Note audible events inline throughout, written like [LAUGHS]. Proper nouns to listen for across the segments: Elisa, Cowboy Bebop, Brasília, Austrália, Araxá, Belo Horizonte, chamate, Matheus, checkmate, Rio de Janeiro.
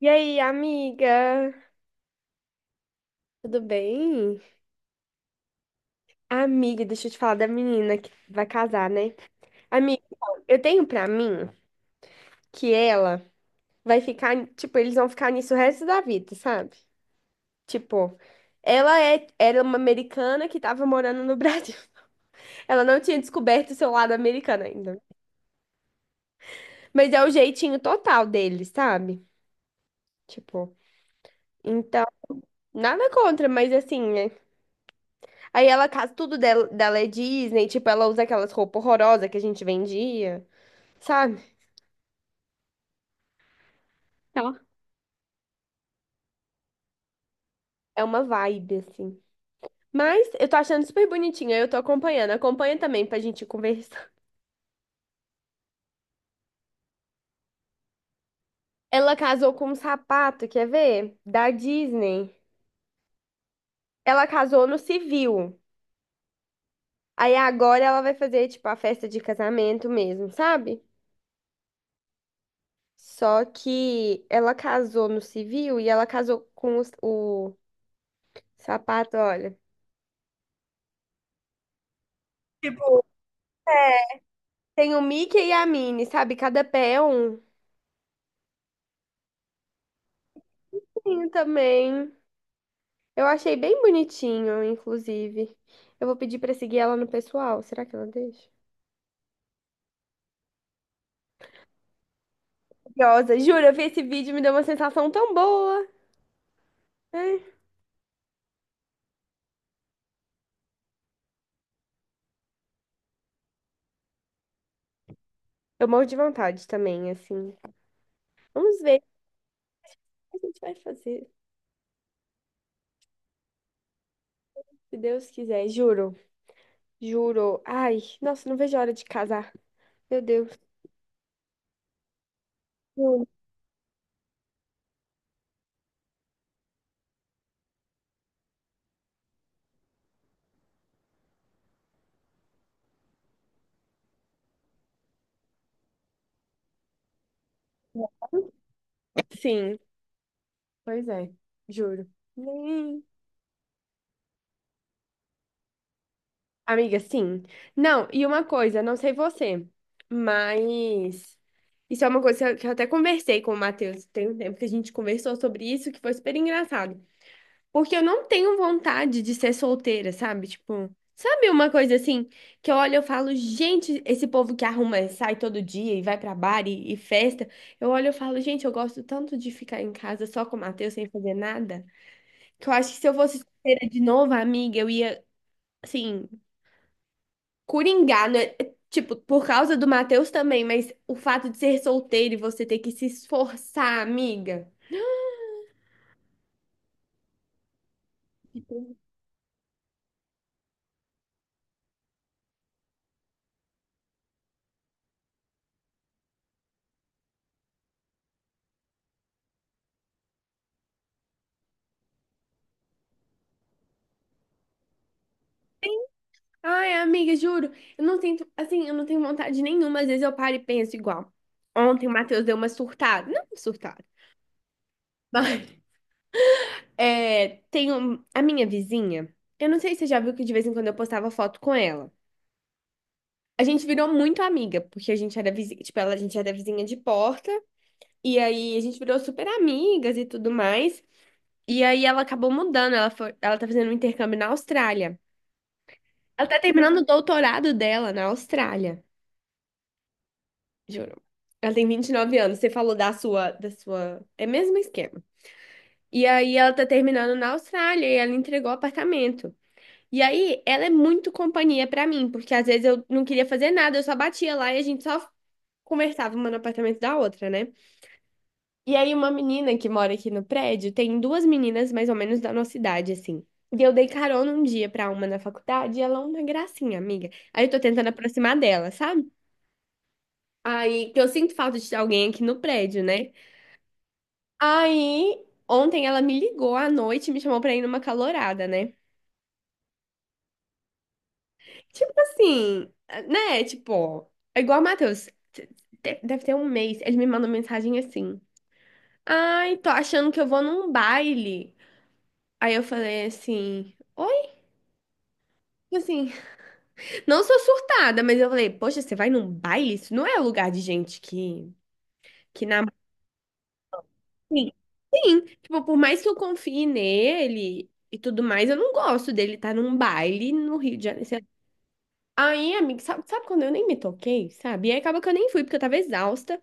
E aí, amiga? Tudo bem? Amiga, deixa eu te falar da menina que vai casar, né? Amiga, então, eu tenho pra mim que ela vai ficar, tipo, eles vão ficar nisso o resto da vida, sabe? Tipo, ela era uma americana que tava morando no Brasil. [LAUGHS] Ela não tinha descoberto o seu lado americano ainda. Mas é o jeitinho total deles, sabe? Tipo, então, nada contra, mas assim, né? Aí ela casa, tudo dela é Disney, tipo, ela usa aquelas roupas horrorosas que a gente vendia, sabe? Tá. É uma vibe, assim. Mas eu tô achando super bonitinha, eu tô acompanhando. Acompanha também pra gente conversar. [LAUGHS] Ela casou com um sapato, quer ver? Da Disney. Ela casou no civil. Aí agora ela vai fazer, tipo, a festa de casamento mesmo, sabe? Só que ela casou no civil e ela casou com o sapato, olha. Tipo, tem o Mickey e a Minnie, sabe? Cada pé é um. Sim, também. Eu achei bem bonitinho, inclusive. Eu vou pedir pra seguir ela no pessoal. Será que ela deixa? Curiosa, juro, eu vi esse vídeo e me deu uma sensação tão boa. Ai, eu morro de vontade também, assim. Vamos ver o que a gente vai fazer, se Deus quiser, juro. Juro. Ai, nossa, não vejo a hora de casar. Meu Deus. Juro. Sim, pois é, juro. Nem Amiga, sim. Não, e uma coisa, não sei você, mas isso é uma coisa que eu até conversei com o Matheus. Tem um tempo que a gente conversou sobre isso, que foi super engraçado. Porque eu não tenho vontade de ser solteira, sabe? Tipo, sabe uma coisa assim, que eu olho e eu falo, gente, esse povo que arruma, sai todo dia e vai pra bar e festa. Eu olho e eu falo, gente, eu gosto tanto de ficar em casa só com o Matheus sem fazer nada, que eu acho que se eu fosse solteira de novo, amiga, eu ia, assim. Coringá, né? É, tipo, por causa do Matheus também, mas o fato de ser solteiro e você ter que se esforçar, amiga. Tipo, ai, amiga, juro, eu não sinto, assim, eu não tenho vontade nenhuma, às vezes eu paro e penso igual. Ontem o Matheus deu uma surtada, não surtada, [LAUGHS] mas é, tem a minha vizinha, eu não sei se você já viu que de vez em quando eu postava foto com ela. A gente virou muito amiga, porque a gente era vizinha, tipo, ela, a gente era vizinha de porta, e aí a gente virou super amigas e tudo mais. E aí ela acabou mudando, ela foi, ela tá fazendo um intercâmbio na Austrália. Ela tá terminando o doutorado dela na Austrália, juro. Ela tem 29 anos, você falou da sua, é mesmo esquema. E aí ela tá terminando na Austrália e ela entregou o apartamento. E aí ela é muito companhia pra mim, porque às vezes eu não queria fazer nada, eu só batia lá e a gente só conversava uma no apartamento da outra, né? E aí, uma menina que mora aqui no prédio, tem duas meninas mais ou menos da nossa idade, assim. E eu dei carona um dia pra uma na faculdade e ela é uma gracinha, amiga. Aí eu tô tentando aproximar dela, sabe? Aí que eu sinto falta de alguém aqui no prédio, né? Aí, ontem ela me ligou à noite e me chamou pra ir numa calorada, né? Tipo assim, né? Tipo, ó, é igual o Matheus. Deve ter um mês. Ele me mandou mensagem assim. Ai, tô achando que eu vou num baile. Aí eu falei assim. Assim, não sou surtada, mas eu falei, poxa, você vai num baile? Isso não é lugar de gente que namora. Sim, sim. Tipo, por mais que eu confie nele e tudo mais, eu não gosto dele estar num baile no Rio de Janeiro, sei lá. Aí, amiga, sabe, sabe quando eu nem me toquei, sabe? E aí acaba que eu nem fui, porque eu tava exausta.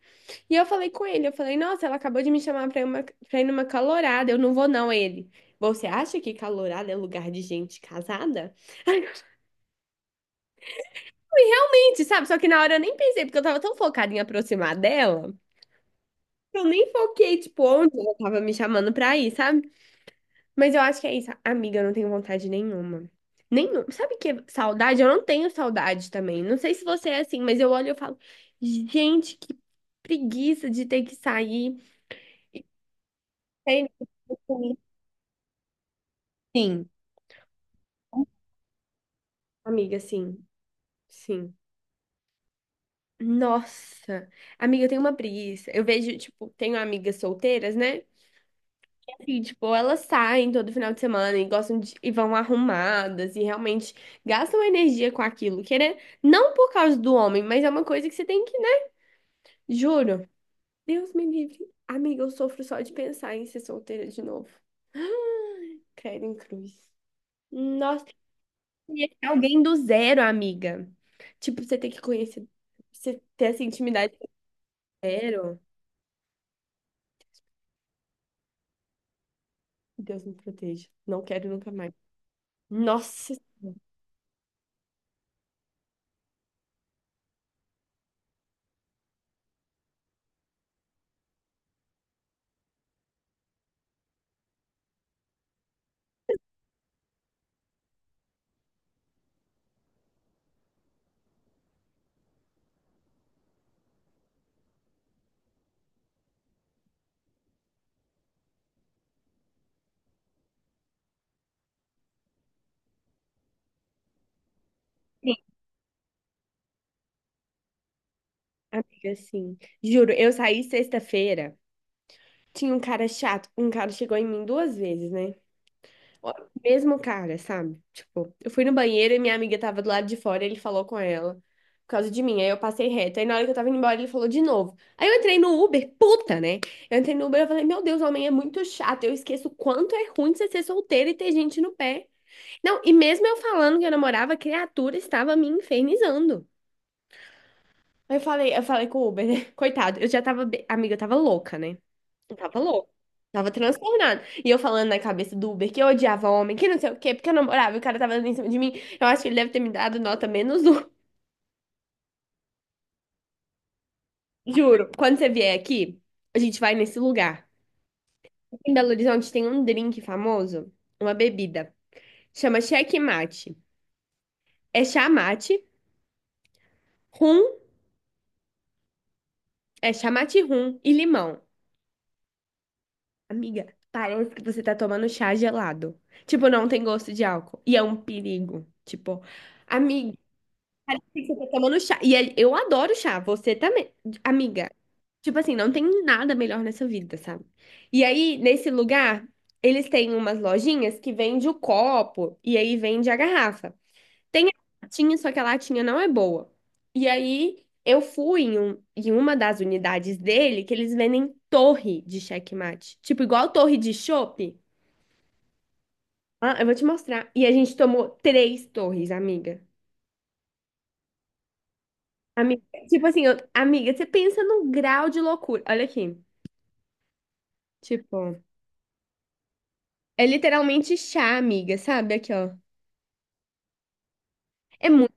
E eu falei com ele, eu falei, nossa, ela acabou de me chamar pra ir, uma, pra ir numa calorada, eu não vou não, ele. Você acha que calorada é lugar de gente casada? E realmente, sabe? Só que na hora eu nem pensei, porque eu tava tão focada em aproximar dela, que eu nem foquei, tipo, onde ela tava me chamando pra ir, sabe? Mas eu acho que é isso. Amiga, eu não tenho vontade nenhuma. Nenhum. Sabe que é saudade? Eu não tenho saudade também. Não sei se você é assim, mas eu olho e eu falo, gente, que preguiça de ter que sair. Sei lá. Sim, amiga, sim, sim. Nossa, amiga, eu tenho uma preguiça. Eu vejo, tipo, tenho amigas solteiras, né? E, tipo, elas saem todo final de semana e gostam de, e vão arrumadas e realmente gastam energia com aquilo, querer, não por causa do homem, mas é uma coisa que você tem que, né? Juro. Deus me livre. Amiga, eu sofro só de pensar em ser solteira de novo. Credo em cruz. Nossa, e é alguém do zero, amiga. Tipo, você tem que conhecer, você ter essa intimidade do zero. Deus me proteja. Não quero nunca mais. Nossa, sim, amiga, sim. Juro, eu saí sexta-feira. Tinha um cara chato. Um cara chegou em mim duas vezes, né? Ó, mesmo cara, sabe? Tipo, eu fui no banheiro e minha amiga tava do lado de fora, e ele falou com ela por causa de mim. Aí eu passei reto. Aí na hora que eu tava indo embora, ele falou de novo. Aí eu entrei no Uber, puta, né? Eu entrei no Uber e falei, meu Deus, homem é muito chato. Eu esqueço o quanto é ruim você ser solteira e ter gente no pé. Não, e mesmo eu falando que eu namorava, a criatura estava me infernizando. Aí eu falei com o Uber, né? [LAUGHS] Coitado, eu já tava, amiga, eu tava louca, né? Eu tava louco. Tava transtornado. E eu falando na cabeça do Uber que eu odiava homem, que não sei o quê, porque eu namorava e o cara tava dando em cima de mim. Eu acho que ele deve ter me dado nota menos um. [LAUGHS] Juro. Quando você vier aqui, a gente vai nesse lugar. Em Belo Horizonte tem um drink famoso, uma bebida. Chama checkmate. É chamate, rum, é chamate rum e limão. Amiga, parece que você tá tomando chá gelado. Tipo, não tem gosto de álcool. E é um perigo. Tipo, amiga. Você tá tomando chá. E ele- eu adoro chá, você também, amiga. Tipo assim, não tem nada melhor nessa vida, sabe? E aí, nesse lugar, eles têm umas lojinhas que vende o copo e aí vende a garrafa. Tem a latinha, só que a latinha não é boa. E aí, eu fui em, em uma das unidades dele que eles vendem torre de checkmate. Tipo, igual torre de chopp. Ah, eu vou te mostrar. E a gente tomou 3 torres, amiga. Amiga, tipo assim, eu- amiga, você pensa no grau de loucura. Olha aqui. Tipo, é literalmente chá, amiga, sabe? Aqui, ó. É muito,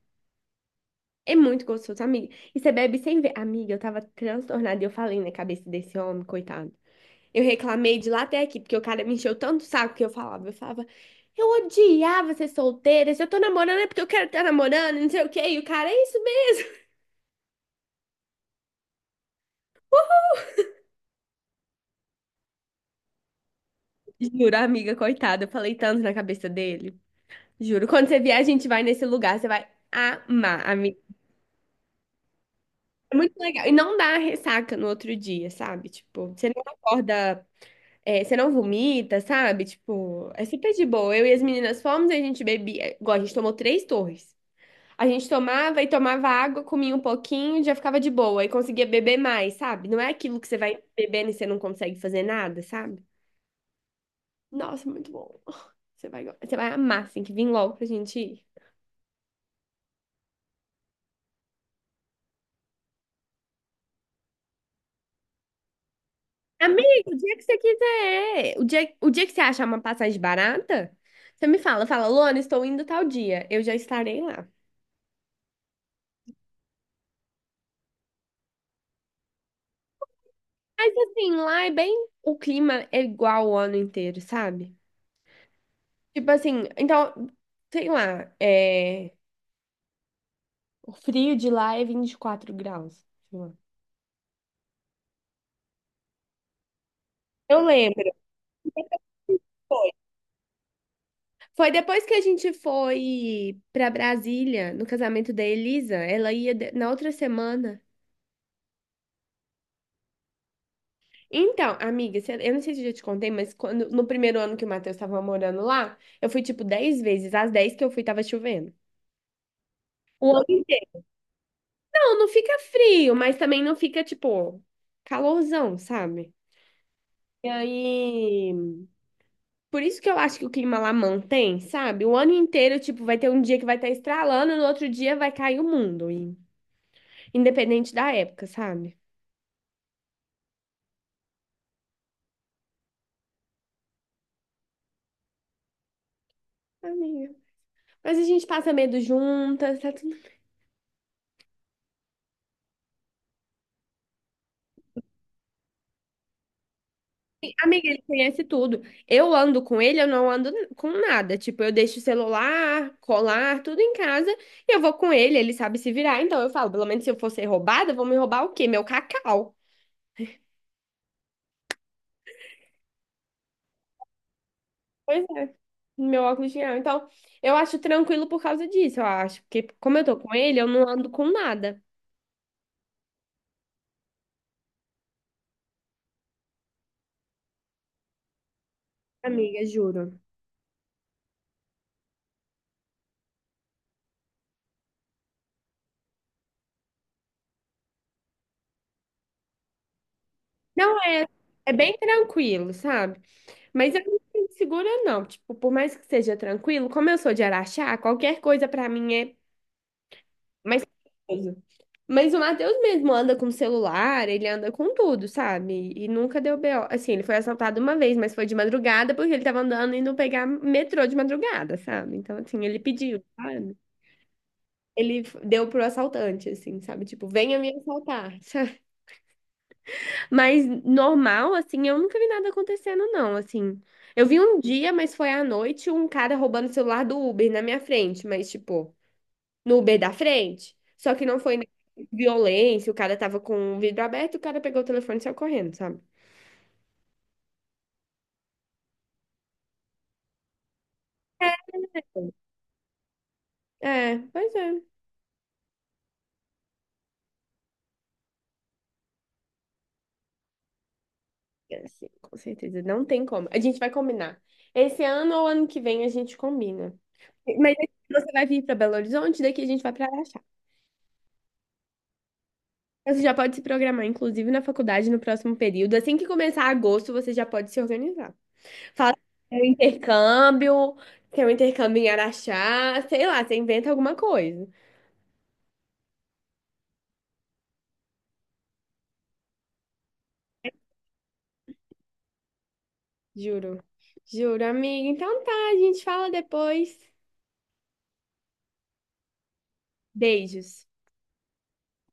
é muito gostoso, amiga. E você bebe sem ver. Amiga, eu tava transtornada e eu falei na cabeça desse homem, coitado. Eu reclamei de lá até aqui, porque o cara me encheu tanto o saco que eu falava. Eu falava, eu odiava ser solteira. Se eu tô namorando é porque eu quero estar namorando, não sei o quê. E o cara, é isso mesmo. [LAUGHS] Juro, amiga, coitada. Eu falei tanto na cabeça dele. Juro. Quando você vier, a gente vai nesse lugar, você vai amar, amiga. É muito legal. E não dá ressaca no outro dia, sabe? Tipo, você não acorda, é, você não vomita, sabe? Tipo, é super de boa. Eu e as meninas fomos e a gente bebia. É, igual, a gente tomou três torres. A gente tomava e tomava água, comia um pouquinho, já ficava de boa e conseguia beber mais, sabe? Não é aquilo que você vai bebendo e você não consegue fazer nada, sabe? Nossa, muito bom. Você vai, você vai amar, assim, que vem logo pra gente ir. Amigo, o dia que você quiser. O dia que você achar uma passagem barata, você me fala, fala, Luana, estou indo tal dia. Eu já estarei lá. Mas assim, lá é bem. O clima é igual o ano inteiro, sabe? Tipo assim, então, sei lá, o frio de lá é 24 graus, sei lá. Eu lembro. Foi Foi depois que a gente foi pra Brasília, no casamento da Elisa. Ela ia na outra semana. Então, amiga, cê- eu não sei se eu já te contei, mas quando, no primeiro ano que o Matheus estava morando lá, eu fui tipo 10 vezes. As 10 que eu fui, tava chovendo. O ano inteiro. Não, não fica frio, mas também não fica, tipo, calorzão, sabe? E aí. Por isso que eu acho que o clima lá mantém, sabe? O ano inteiro, tipo, vai ter um dia que vai estar estralando, no outro dia vai cair o mundo, e- independente da época, sabe? Amiga. Mas a gente passa medo juntas, tá tudo. Amiga, ele conhece tudo. Eu ando com ele, eu não ando com nada. Tipo, eu deixo o celular, colar, tudo em casa e eu vou com ele, ele sabe se virar. Então eu falo, pelo menos se eu for ser roubada, vão me roubar o quê? Meu cacau. Pois é, meu óculos de grau. Então, eu acho tranquilo por causa disso, eu acho. Porque como eu tô com ele, eu não ando com nada. Amiga, juro. Não é, é bem tranquilo, sabe? Mas eu não me segura, não. Tipo, por mais que seja tranquilo, como eu sou de Araxá, qualquer coisa pra mim é. Mas, mas o Matheus mesmo anda com celular, ele anda com tudo, sabe? E nunca deu BO. Assim, ele foi assaltado uma vez, mas foi de madrugada porque ele tava andando indo pegar metrô de madrugada, sabe? Então, assim, ele pediu, sabe? Ele deu pro assaltante, assim, sabe? Tipo, venha me assaltar, [LAUGHS] sabe? Mas normal, assim, eu nunca vi nada acontecendo, não, assim. Eu vi um dia, mas foi à noite, um cara roubando o celular do Uber na minha frente, mas, tipo, no Uber da frente. Só que não foi violência, o cara tava com o vidro aberto, o cara pegou o telefone e saiu correndo, sabe? É, pois é. É, sim, com certeza, não tem como. A gente vai combinar. Esse ano ou ano que vem a gente combina. Mas você vai vir para Belo Horizonte, daqui a gente vai para Araxá. Você já pode se programar, inclusive na faculdade, no próximo período. Assim que começar agosto, você já pode se organizar. Fala tem um intercâmbio, tem um intercâmbio em Araxá, sei lá, você inventa alguma coisa. Juro. Juro, amiga. Então tá, a gente fala depois. Beijos.